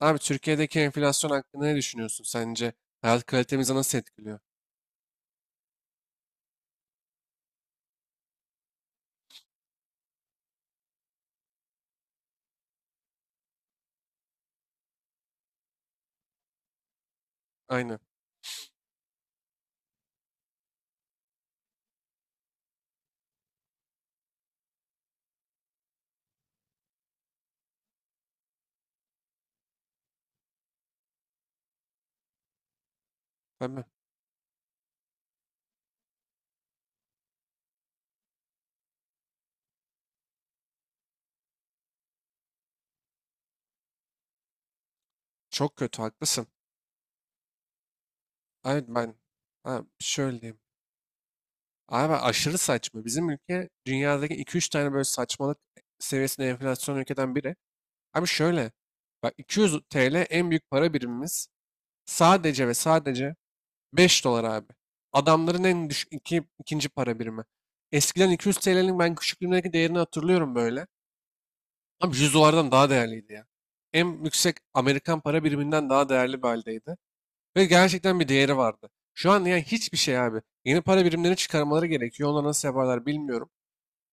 Abi Türkiye'deki enflasyon hakkında ne düşünüyorsun sence? Hayat kalitemizi nasıl etkiliyor? Aynen. Tabii. Çok kötü haklısın. Abi ben abi şöyle diyeyim. Abi aşırı saçma. Bizim ülke dünyadaki iki üç tane böyle saçmalık seviyesinde enflasyon ülkeden biri. Abi şöyle. Bak, 200 TL en büyük para birimimiz. Sadece ve sadece 5 dolar abi. Adamların en düşük ikinci para birimi. Eskiden 200 TL'nin ben küçüklüğümdeki değerini hatırlıyorum böyle. Abi 100 dolardan daha değerliydi ya. En yüksek Amerikan para biriminden daha değerli bir haldeydi. Ve gerçekten bir değeri vardı. Şu an yani hiçbir şey abi. Yeni para birimlerini çıkarmaları gerekiyor. Onlar nasıl yaparlar bilmiyorum.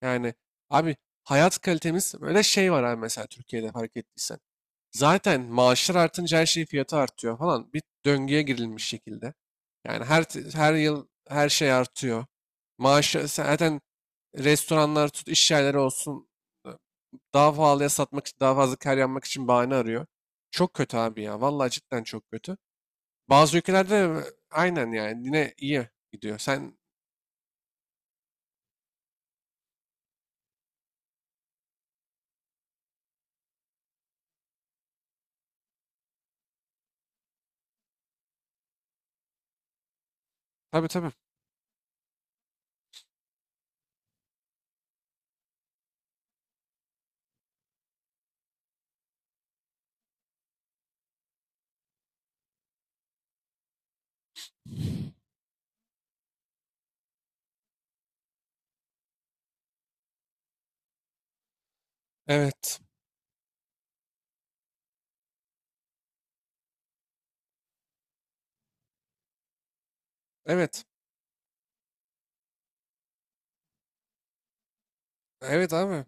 Yani abi, hayat kalitemiz böyle, şey var abi, mesela Türkiye'de fark ettiysen. Zaten maaşlar artınca her şeyin fiyatı artıyor falan. Bir döngüye girilmiş şekilde. Yani her yıl her şey artıyor. Maaşı zaten restoranlar tut, iş yerleri olsun, e, daha pahalıya satmak için, daha fazla kar yapmak için bahane arıyor. Çok kötü abi ya. Vallahi cidden çok kötü. Bazı ülkelerde aynen yani yine iyi gidiyor. Tabii, tabii. Evet. Evet. Evet abi.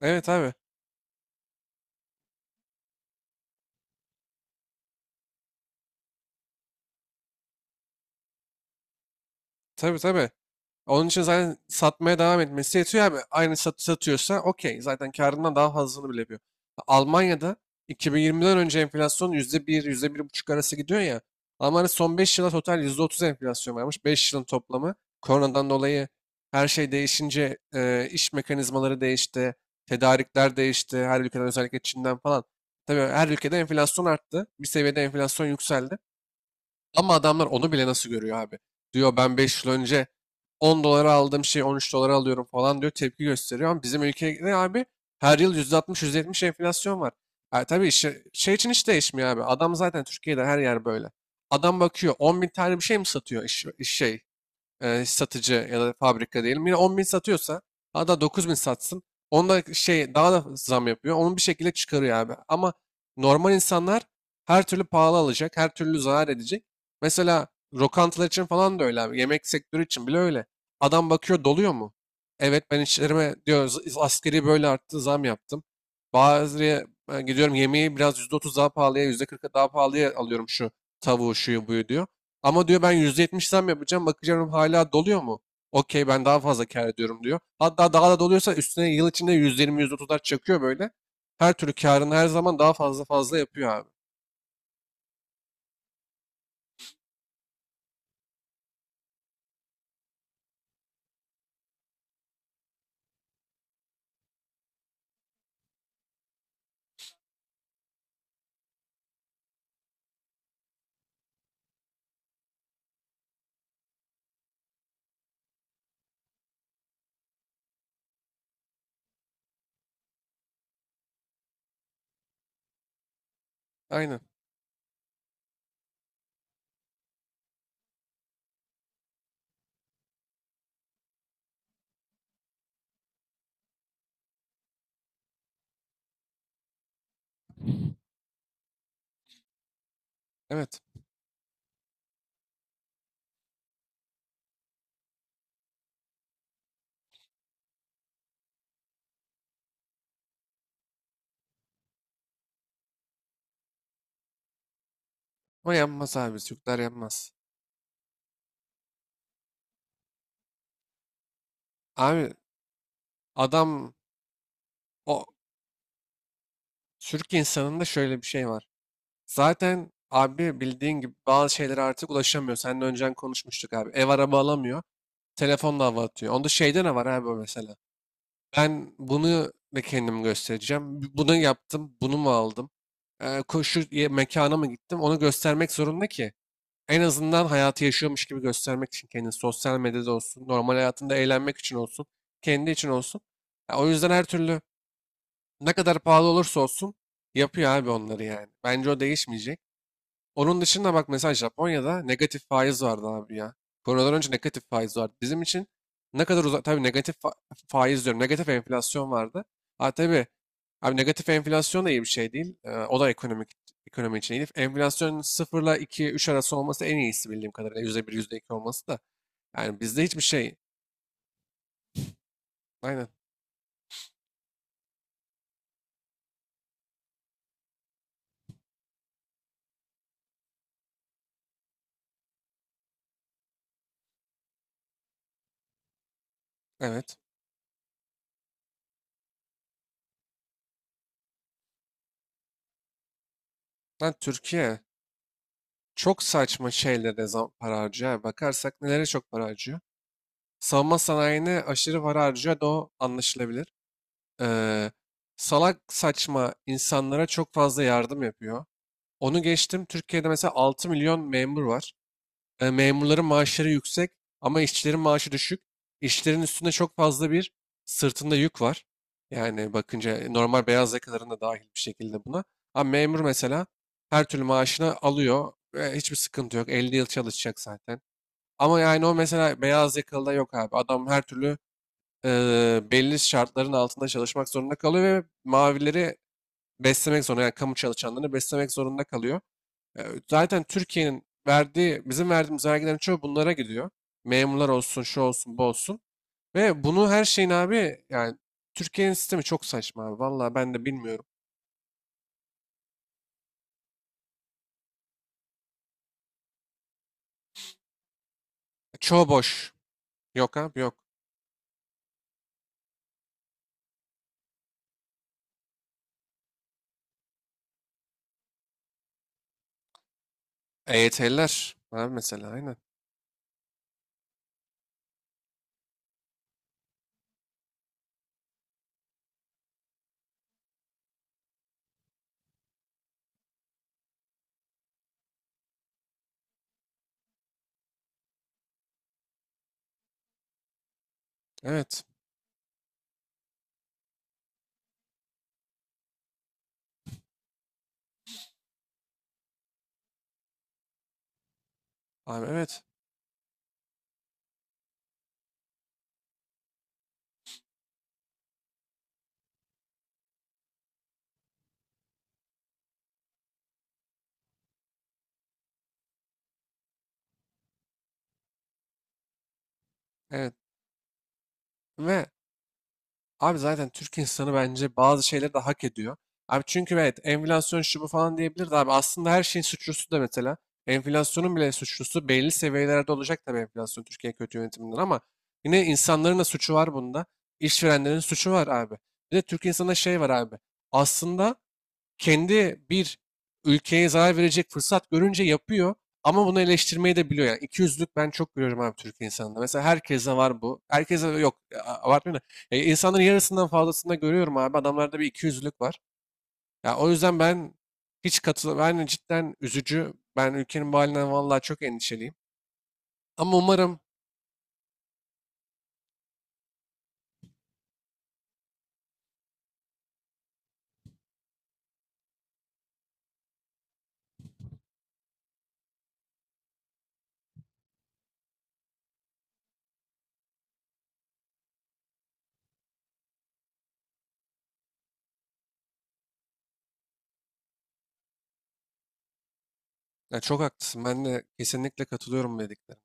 Evet abi. Tabii, tabii. Onun için zaten satmaya devam etmesi yetiyor abi. Aynı satıyorsa okey. Zaten karından daha fazlasını bile yapıyor. Almanya'da 2020'den önce enflasyon %1, %1,5 arası gidiyor ya. Almanya son 5 yıla total %30 enflasyon varmış. 5 yılın toplamı. Koronadan dolayı her şey değişince iş mekanizmaları değişti. Tedarikler değişti. Her ülkeden, özellikle Çin'den falan. Tabii her ülkede enflasyon arttı. Bir seviyede enflasyon yükseldi. Ama adamlar onu bile nasıl görüyor abi? Diyor, ben 5 yıl önce 10 dolara aldığım şeyi 13 dolara alıyorum falan diyor, tepki gösteriyor. Ama bizim ülkede abi her yıl %60-%70 enflasyon var. Ha, tabii şey için hiç değişmiyor abi. Adam zaten Türkiye'de her yer böyle. Adam bakıyor, 10 bin tane bir şey mi satıyor iş şey, satıcı ya da fabrika diyelim. Yine 10 bin satıyorsa, hatta 9 bin satsın. Onda şey, daha da zam yapıyor. Onu bir şekilde çıkarıyor abi. Ama normal insanlar her türlü pahalı alacak. Her türlü zarar edecek. Mesela lokantalar için falan da öyle abi. Yemek sektörü için bile öyle. Adam bakıyor, doluyor mu? Evet, ben işlerime diyor, Asgari böyle arttı, zam yaptım. Ben gidiyorum, yemeği biraz %30 daha pahalıya, %40 daha pahalıya alıyorum, şu tavuğu, şuyu buyu," diyor. Ama diyor, "Ben %70 zam yapacağım. Bakacağım, hala doluyor mu? Okey, ben daha fazla kâr ediyorum," diyor. Hatta daha da doluyorsa, üstüne yıl içinde %20, otuzlar çakıyor böyle. Her türlü kârını her zaman daha fazla fazla yapıyor abi. Aynen. Evet. Ama yanmaz abi. Türkler yanmaz. Abi adam o Türk insanında şöyle bir şey var. Zaten abi bildiğin gibi bazı şeylere artık ulaşamıyor. Seninle önceden konuşmuştuk abi. Ev, araba alamıyor. Telefonla hava atıyor. Onda şeyde ne var abi o mesela? Ben bunu da kendim göstereceğim. Bunu yaptım, bunu mu aldım? Mekana mı gittim? Onu göstermek zorunda ki. En azından hayatı yaşıyormuş gibi göstermek için, kendini sosyal medyada olsun, normal hayatında eğlenmek için olsun, kendi için olsun. Ya o yüzden her türlü, ne kadar pahalı olursa olsun, yapıyor abi onları yani. Bence o değişmeyecek. Onun dışında bak, mesela Japonya'da negatif faiz vardı abi ya. Koronadan önce negatif faiz vardı. Bizim için ne kadar uzak, tabii faiz diyorum, negatif enflasyon vardı. Ha tabii, abi negatif enflasyon da iyi bir şey değil. O da ekonomi için iyi değil. Enflasyon sıfırla iki üç arası olması en iyisi bildiğim kadarıyla. %1, %2 olması da. Yani bizde hiçbir şey. Aynen. Evet. Lan Türkiye çok saçma şeylere para harcıyor. Yani bakarsak nelere çok para harcıyor. Savunma sanayine aşırı para harcıyor da, o anlaşılabilir. eee, Salak saçma insanlara çok fazla yardım yapıyor. Onu geçtim. Türkiye'de mesela 6 milyon memur var. Memurların maaşları yüksek ama işçilerin maaşı düşük. İşçilerin üstünde, çok fazla bir sırtında yük var. Yani bakınca normal beyaz yakaların da dahil bir şekilde buna. Ama memur mesela her türlü maaşını alıyor ve hiçbir sıkıntı yok. 50 yıl çalışacak zaten. Ama yani o mesela beyaz yakalıda yok abi. Adam her türlü belli şartların altında çalışmak zorunda kalıyor ve mavileri beslemek zorunda, yani kamu çalışanlarını beslemek zorunda kalıyor. E, Zaten Türkiye'nin verdiği bizim verdiğimiz vergilerin çoğu bunlara gidiyor. Memurlar olsun, şu olsun, bu olsun. Ve bunu her şeyin abi yani, Türkiye'nin sistemi çok saçma abi. Vallahi ben de bilmiyorum. Çoğu boş. Yok abi, yok. EYT'liler. Abi mesela, aynen. Evet. Abi evet. Evet. Ve abi, zaten Türk insanı bence bazı şeyleri de hak ediyor. Abi çünkü evet, enflasyon şu bu falan diyebilir de, abi aslında her şeyin suçlusu, da mesela enflasyonun bile suçlusu belli seviyelerde olacak tabii enflasyon, Türkiye kötü yönetiminden, ama yine insanların da suçu var bunda. İşverenlerin suçu var abi. Bir de Türk insanında şey var abi. Aslında kendi bir ülkeye zarar verecek fırsat görünce yapıyor, ama bunu eleştirmeyi de biliyor. Yani ikiyüzlülük, ben çok görüyorum abi Türk insanında. Mesela herkese var bu. Herkese yok, abartmıyorum da. İnsanların yarısından fazlasında görüyorum abi. Adamlarda bir ikiyüzlülük var. Ya o yüzden ben hiç katıl ben cidden üzücü. Ben ülkenin bu halinden vallahi çok endişeliyim. Ama umarım Ya, çok haklısın. Ben de kesinlikle katılıyorum bu dediklerine.